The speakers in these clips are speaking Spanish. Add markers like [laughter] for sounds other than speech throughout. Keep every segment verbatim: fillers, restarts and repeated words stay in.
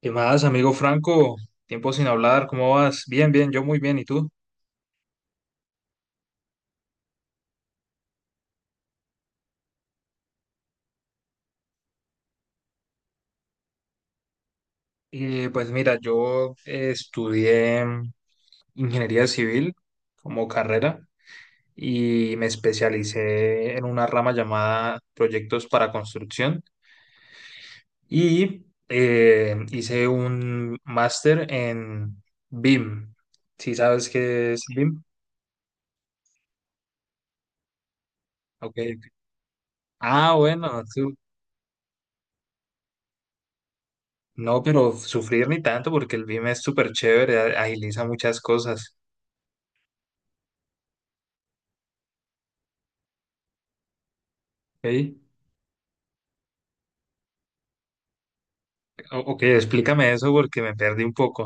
¿Qué más, amigo Franco? Tiempo sin hablar, ¿cómo vas? Bien, bien, yo muy bien, ¿y tú? Eh, pues mira, yo eh, estudié ingeniería civil como carrera y me especialicé en una rama llamada proyectos para construcción y eh, hice un máster en B I M. ¿Sí sabes qué es B I M? Ok. Ah, bueno, tú- no, pero sufrir ni tanto porque el B I M es súper chévere, a- agiliza muchas cosas. Ey, o- ok, explícame eso porque me perdí un poco.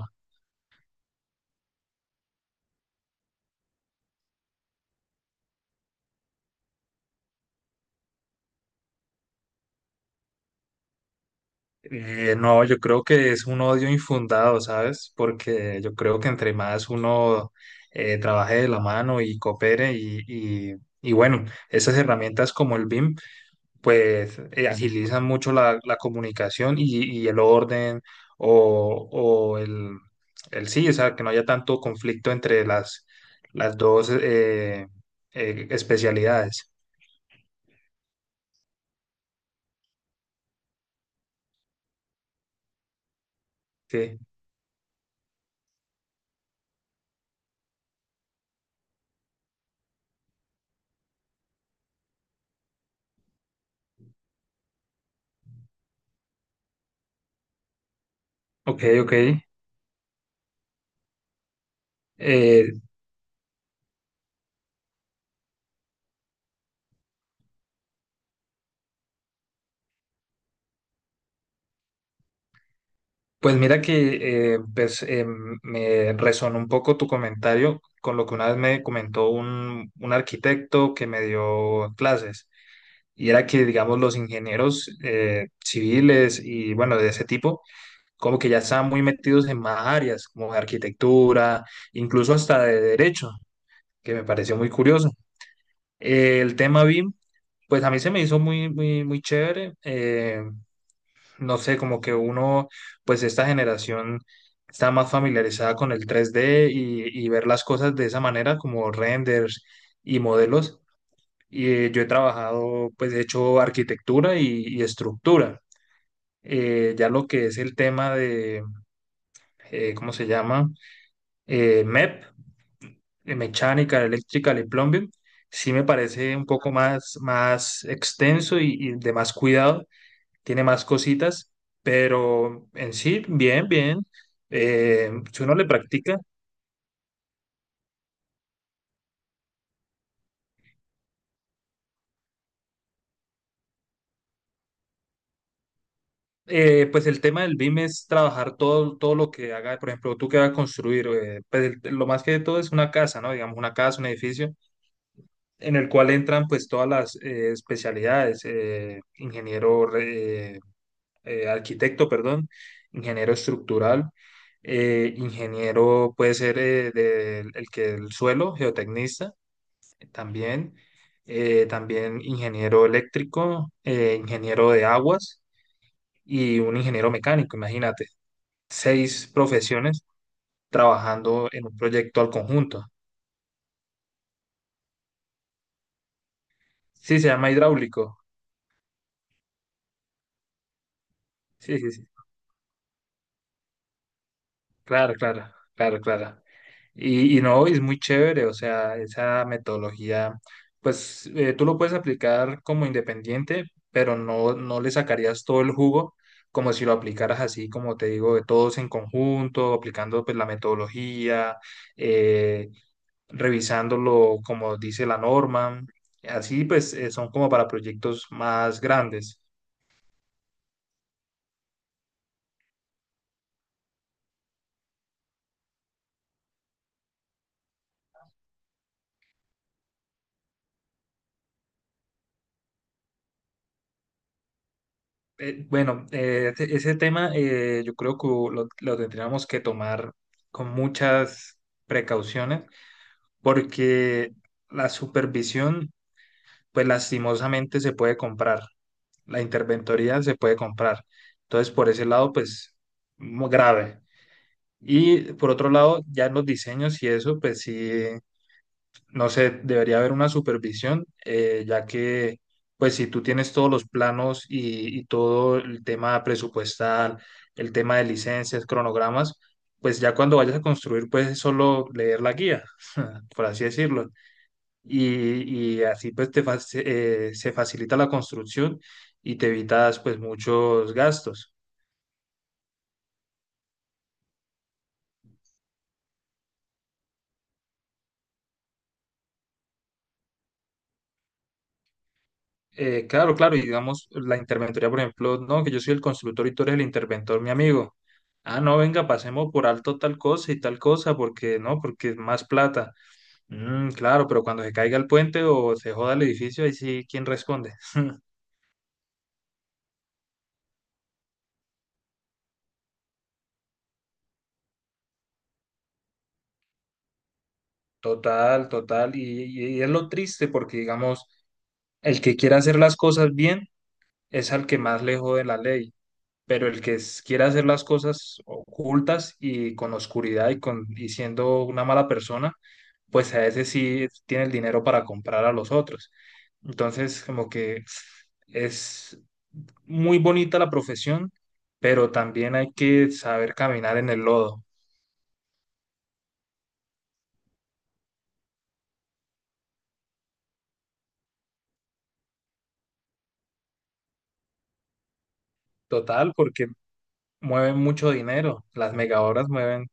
Eh, no, yo creo que es un odio infundado, ¿sabes? Porque yo creo que entre más uno eh, trabaje de la mano y coopere y, y, y bueno, esas herramientas como el B I M, pues eh, agilizan mucho la, la comunicación y, y el orden o, o el, el sí, o sea, que no haya tanto conflicto entre las, las dos eh, eh, especialidades. Sí. Ok, ok. Eh, pues mira que eh, pues, eh, me resonó un poco tu comentario con lo que una vez me comentó un, un arquitecto que me dio clases. Y era que, digamos, los ingenieros eh, civiles y, bueno, de ese tipo, como que ya estaban muy metidos en más áreas, como de arquitectura, incluso hasta de derecho, que me pareció muy curioso. Eh, el tema B I M, pues a mí se me hizo muy, muy, muy chévere. Eh, no sé, como que uno, pues esta generación está más familiarizada con el tres D y, y ver las cosas de esa manera, como renders y modelos. Y eh, yo he trabajado, pues he hecho arquitectura y, y estructura. Eh, ya lo que es el tema de, eh, ¿cómo se llama? Eh, M E P, eh, Mechanical, Electrical y Plumbing, sí me parece un poco más, más extenso y, y de más cuidado tiene más cositas, pero en sí, bien, bien. Eh, si uno le practica, eh, pues el tema del B I M es trabajar todo, todo lo que haga, por ejemplo, tú que vas a construir, eh, pues el- lo más que todo es una casa, ¿no? Digamos, una casa, un edificio, en el cual entran pues todas las eh, especialidades, eh, ingeniero, re- eh, eh, arquitecto, perdón, ingeniero estructural, eh, ingeniero puede ser eh, de- el que el suelo, geotecnista también, eh, también ingeniero eléctrico, eh, ingeniero de aguas y un ingeniero mecánico, imagínate, seis profesiones trabajando en un proyecto al conjunto. Sí, se llama hidráulico. Sí, sí, sí. Claro, claro, claro, claro. Y, y no, es muy chévere, o sea, esa metodología, pues eh, tú lo puedes aplicar como independiente, pero no, no le sacarías todo el jugo como si lo aplicaras así, como te digo, de todos en conjunto, aplicando pues la metodología, eh, revisándolo como dice la norma. Así pues eh, son como para proyectos más grandes. Eh, bueno, eh, ese ese tema eh, yo creo que lo, lo tendríamos que tomar con muchas precauciones porque la supervisión, pues lastimosamente se puede comprar, la interventoría se puede comprar. Entonces, por ese lado, pues muy grave. Y por otro lado, ya en los diseños y eso, pues sí, no sé, debería haber una supervisión, eh, ya que, pues, si tú tienes todos los planos y, y todo el tema presupuestal, el tema de licencias, cronogramas, pues ya cuando vayas a construir, pues es solo leer la guía, [laughs] por así decirlo. Y, y así, pues, te, fac- eh, se facilita la construcción y te evitas, pues, muchos gastos. Eh, claro, claro, y digamos, la interventoría, por ejemplo, no, que yo soy el constructor y tú eres el interventor, mi amigo. Ah, no, venga, pasemos por alto tal cosa y tal cosa, porque no, porque es más plata. Mm, claro, pero cuando se caiga el puente o se joda el edificio, ahí sí, ¿quién responde? Total, total, y, y- y es lo triste porque, digamos, el que quiere hacer las cosas bien es al que más le jode la ley. Pero el que s- quiera hacer las cosas ocultas y con oscuridad y, con, y siendo una mala persona, pues a ese sí tiene el dinero para comprar a los otros. Entonces, como que es muy bonita la profesión, pero también hay que saber caminar en el lodo, total, porque mueven mucho dinero, las megahoras mueven.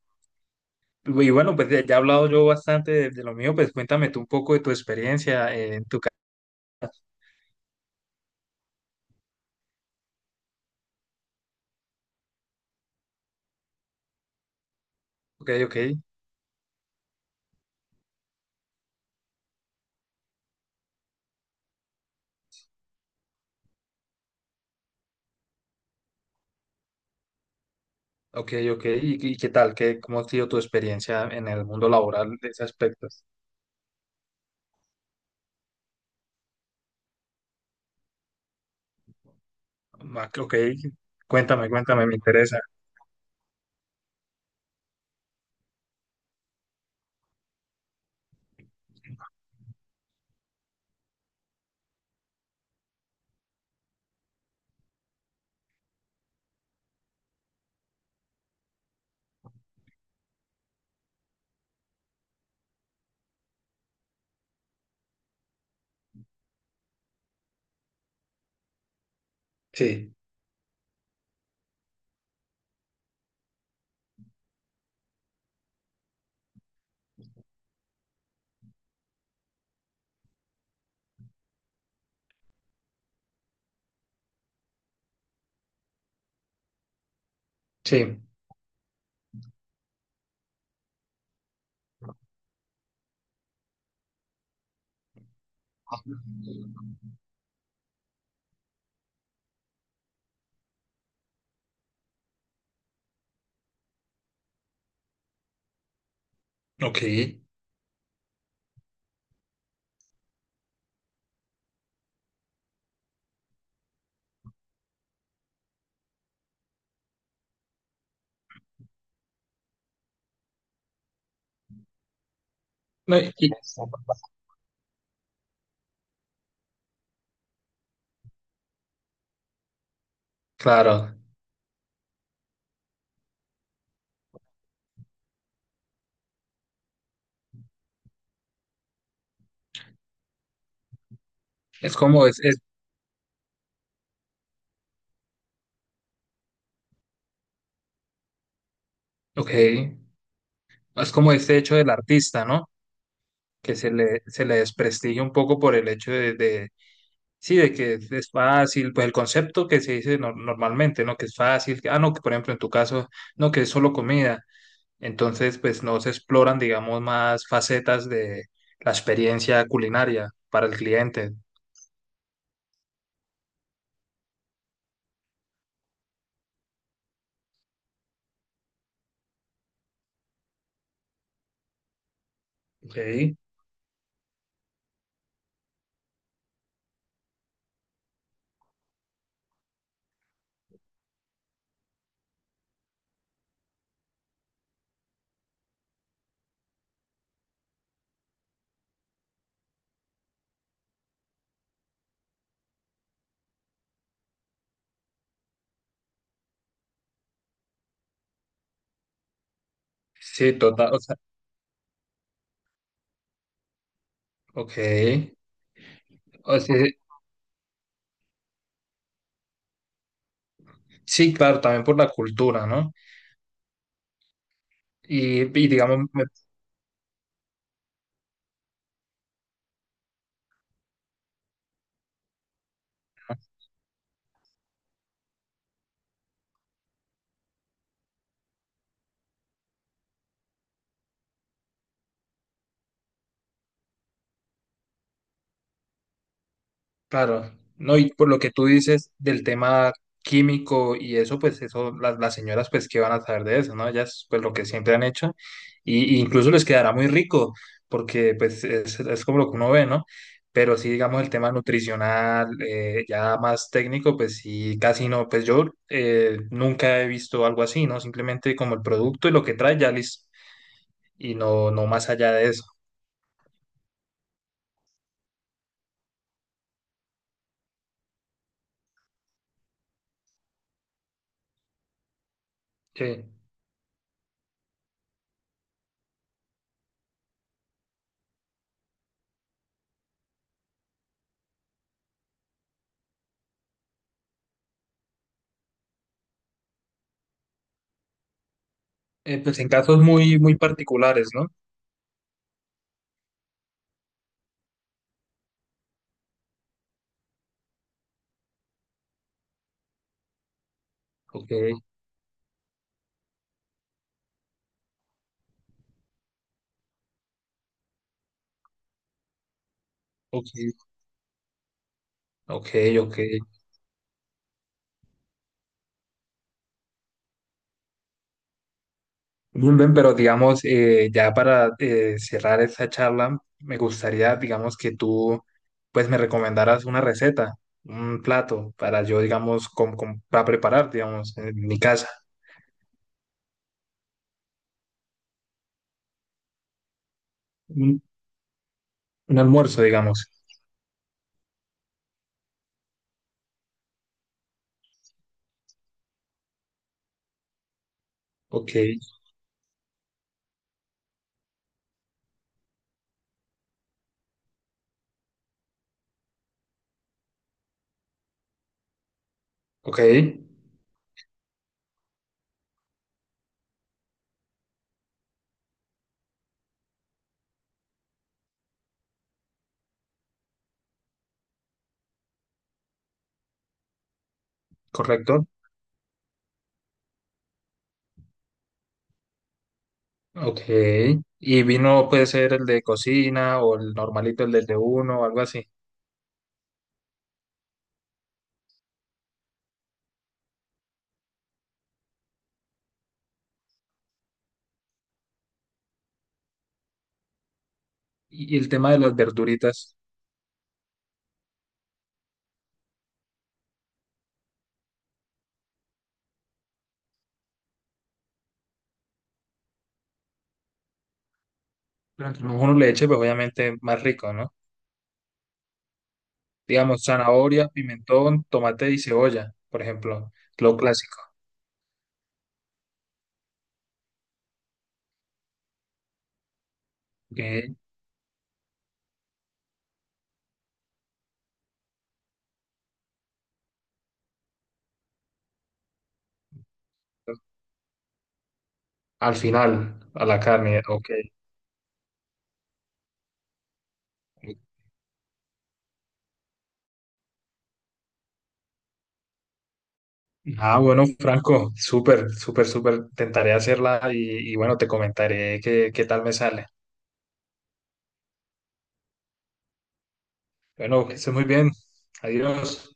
Y bueno, pues ya ya he hablado yo bastante de, de lo mío, pues cuéntame tú un poco de tu experiencia eh, en tu carrera. Ok, ok. Ok, ok. ¿Y, y qué tal? ¿Qué, cómo ha sido tu experiencia en el mundo laboral de ese aspecto? Ma- Ok, cuéntame, cuéntame, me interesa. Sí, sí. Ok. No, y- y- claro, es como es, es, ok, es como este hecho del artista, ¿no? Que se le, se le desprestigia un poco por el hecho de, de- sí, de que es es fácil, pues el concepto que se dice no- normalmente, ¿no? Que es fácil, que, ah, no, que por ejemplo en tu caso, no, que es solo comida. Entonces, pues no se exploran, digamos, más facetas de la experiencia culinaria para el cliente. Ok, sí, total, o sea, ok. O sea, sí, claro, también por la cultura, ¿no? Y, y digamos. Claro, no, y por lo que tú dices del tema químico y eso, pues eso, las, las señoras, pues, ¿qué van a saber de eso, no? Ellas, pues, lo que siempre han hecho, y, y incluso les quedará muy rico, porque, pues, es, es como lo que uno ve, ¿no? Pero sí, digamos, el tema nutricional, eh, ya más técnico, pues sí, casi no, pues yo eh, nunca he visto algo así, ¿no? Simplemente como el producto y lo que trae, ya listo, y no, no más allá de eso. sí eh, pues en casos muy, muy particulares, ¿no? Ok, ok. Ok, ok. Bien, bien, pero digamos, eh, ya para eh, cerrar esta charla, me gustaría, digamos, que tú, pues, me recomendaras una receta, un plato para yo, digamos, com- com- para preparar, digamos, en mi casa, un, un almuerzo, digamos. Ok, ok, correcto. Ok. Y vino puede ser el de cocina o el normalito, el del de uno o algo así. Y, y el tema de las verduritas, pero entre más uno le eche, pues obviamente más rico, ¿no? Digamos, zanahoria, pimentón, tomate y cebolla, por ejemplo, lo clásico. Ok, al final, a la carne, ok. Ah, bueno, Franco, súper, súper, súper. Intentaré hacerla y, y bueno, te comentaré qué, qué tal me sale. Bueno, que estés muy bien. Adiós.